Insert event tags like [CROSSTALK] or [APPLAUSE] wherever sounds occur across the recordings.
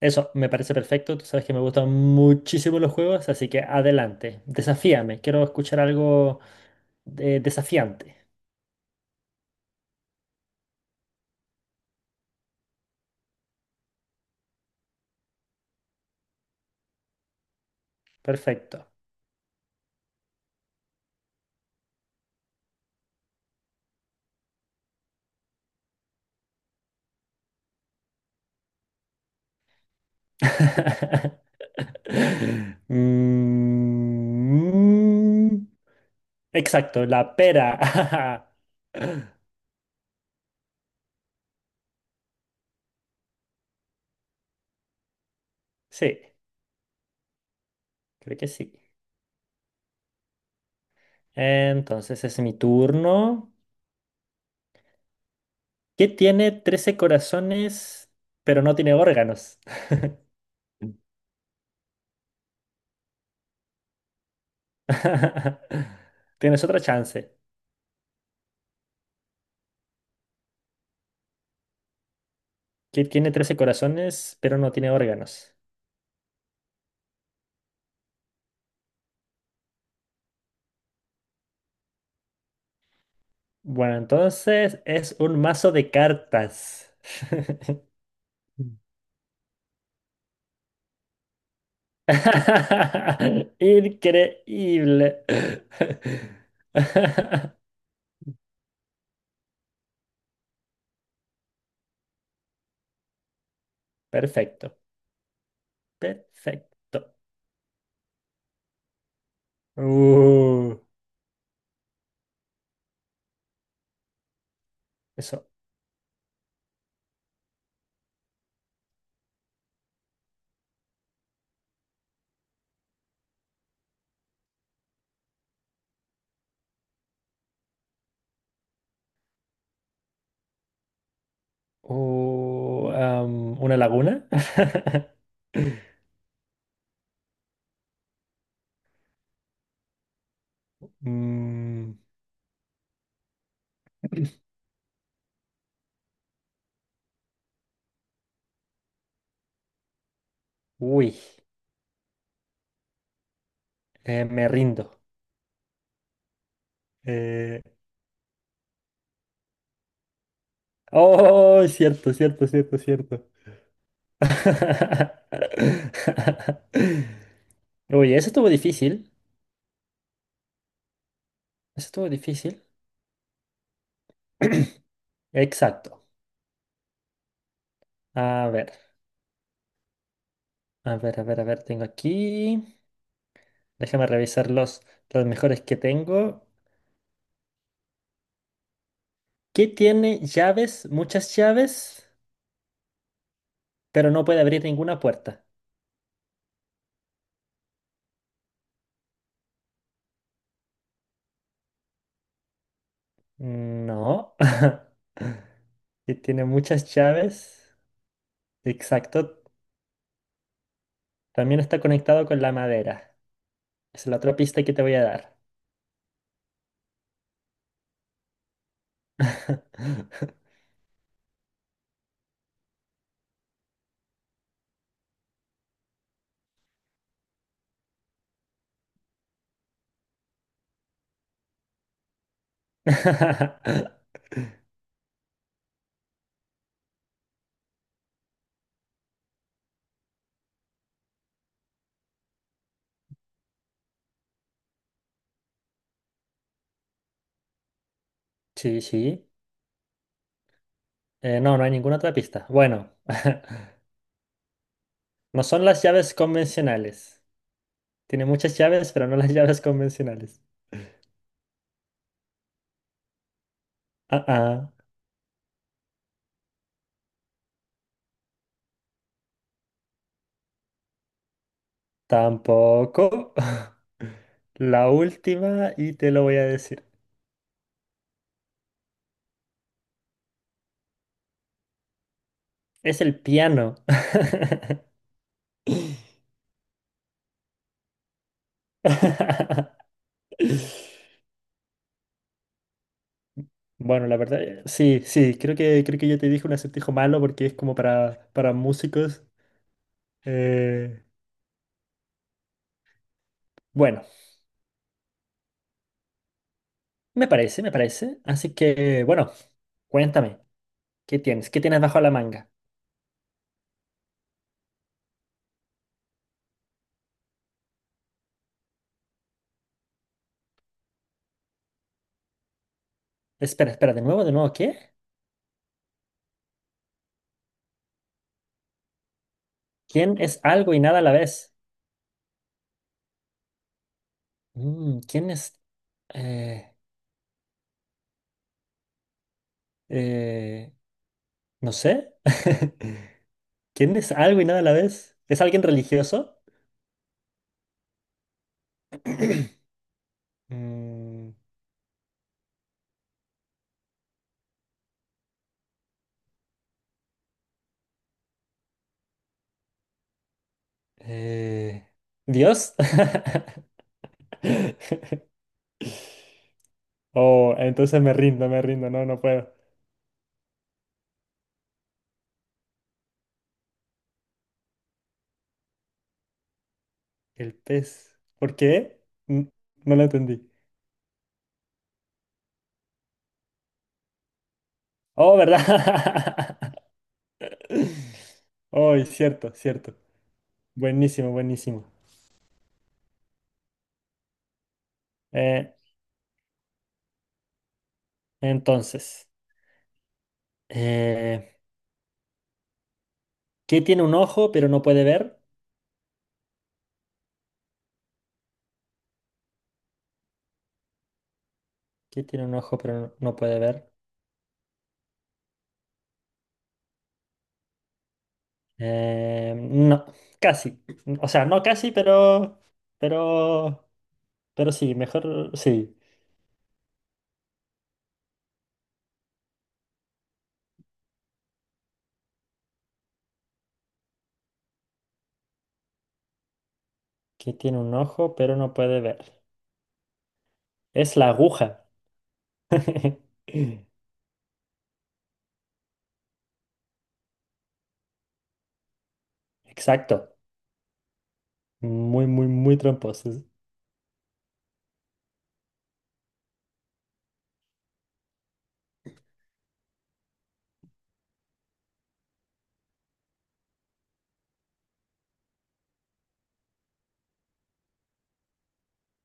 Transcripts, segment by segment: Eso me parece perfecto. Tú sabes que me gustan muchísimo los juegos, así que adelante. Desafíame. Quiero escuchar algo desafiante. Perfecto. [LAUGHS] Mm, exacto, la pera. [LAUGHS] Sí, creo que sí. Entonces es mi turno. ¿Qué tiene 13 corazones, pero no tiene órganos? [LAUGHS] Tienes otra chance. ¿Qué tiene trece corazones, pero no tiene órganos? Bueno, entonces es un mazo de cartas. [LAUGHS] Mm. [LAUGHS] Increíble. [LAUGHS] Perfecto, perfecto. Uh, eso. ¿Una laguna? [LAUGHS] Mm, uy, me rindo. Eh, oh, cierto, cierto, cierto, cierto. [LAUGHS] Oye, eso estuvo difícil. Eso estuvo difícil. Exacto. A ver, a ver, a ver, a ver, tengo aquí. Déjame revisar los mejores que tengo. ¿Qué tiene llaves, muchas llaves, pero no puede abrir ninguna puerta? No. [LAUGHS] ¿Qué tiene muchas llaves? Exacto. También está conectado con la madera. Es la otra pista que te voy a dar. [LAUGHS] Sí, sí. No, no hay ninguna otra pista. Bueno, [LAUGHS] no son las llaves convencionales. Tiene muchas llaves, pero no las [LAUGHS] llaves convencionales. Ah, ah, tampoco. [LAUGHS] La última, y te lo voy a decir. Es el piano. [LAUGHS] Bueno, la verdad, sí, sí, creo que yo te dije un acertijo malo porque es como para músicos. Eh, bueno, me parece, me parece. Así que, bueno, cuéntame, ¿qué tienes? ¿Qué tienes bajo la manga? Espera, espera, de nuevo, ¿qué? ¿Quién es algo y nada a la vez? Mm, ¿quién es Eh, eh, no sé. [LAUGHS] ¿Quién es algo y nada a la vez? ¿Es alguien religioso? Mm, eh, ¿Dios? [LAUGHS] Oh, entonces me rindo, me rindo. No, no puedo. El pez. ¿Por qué? N- No lo entendí. Oh, ¿verdad? [LAUGHS] Oh, y cierto, cierto. Buenísimo, buenísimo. Eh, entonces, eh, ¿qué tiene un ojo pero no puede ver? ¿Qué tiene un ojo pero no puede ver? No, casi. O sea, no casi, pero, pero sí, mejor sí. Que tiene un ojo, pero no puede ver. Es la aguja. [LAUGHS] Exacto. Muy, muy, muy tramposos.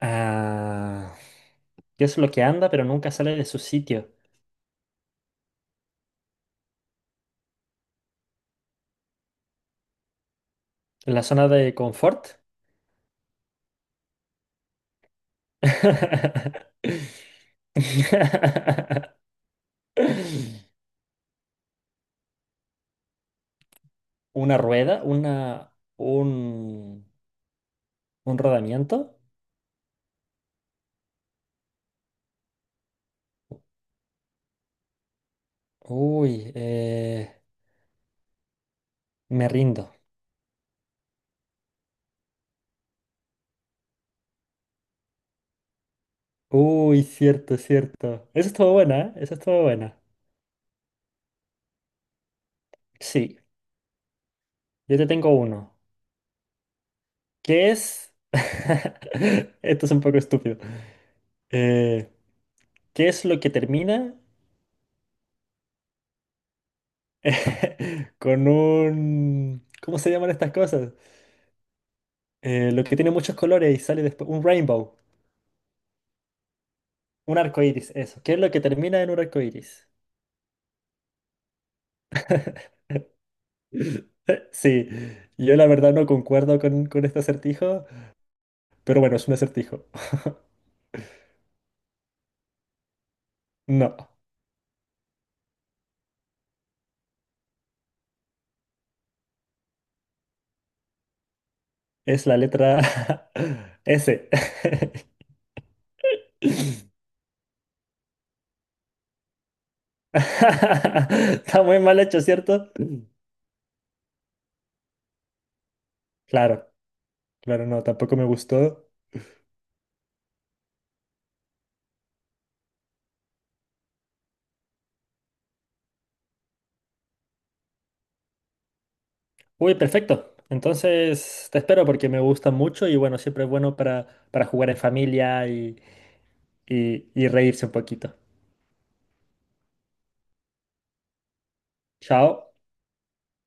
Ah, ¿qué es lo que anda, pero nunca sale de su sitio? ¿La zona de confort? [LAUGHS] ¿Una rueda? Un, ¿un rodamiento? Uy, eh, Me rindo. Uy, cierto, cierto. Eso estuvo buena, ¿eh? Esa estuvo buena. Sí, yo te tengo uno. ¿Qué es? [LAUGHS] Esto es un poco estúpido. Eh, ¿Qué es lo que termina [LAUGHS] con un... ¿Cómo se llaman estas cosas? Lo que tiene muchos colores y sale después. Un rainbow. Un arco iris, eso. ¿Qué es lo que termina en un arco iris? [LAUGHS] Sí, yo la verdad no concuerdo con este acertijo, pero bueno, es un acertijo. [LAUGHS] No. Es la letra [LAUGHS] S. [LAUGHS] Está muy mal hecho, ¿cierto? Claro, claro, no, tampoco me gustó. Uy, perfecto. Entonces te espero porque me gusta mucho y bueno, siempre es bueno para jugar en familia y reírse un poquito. Chao.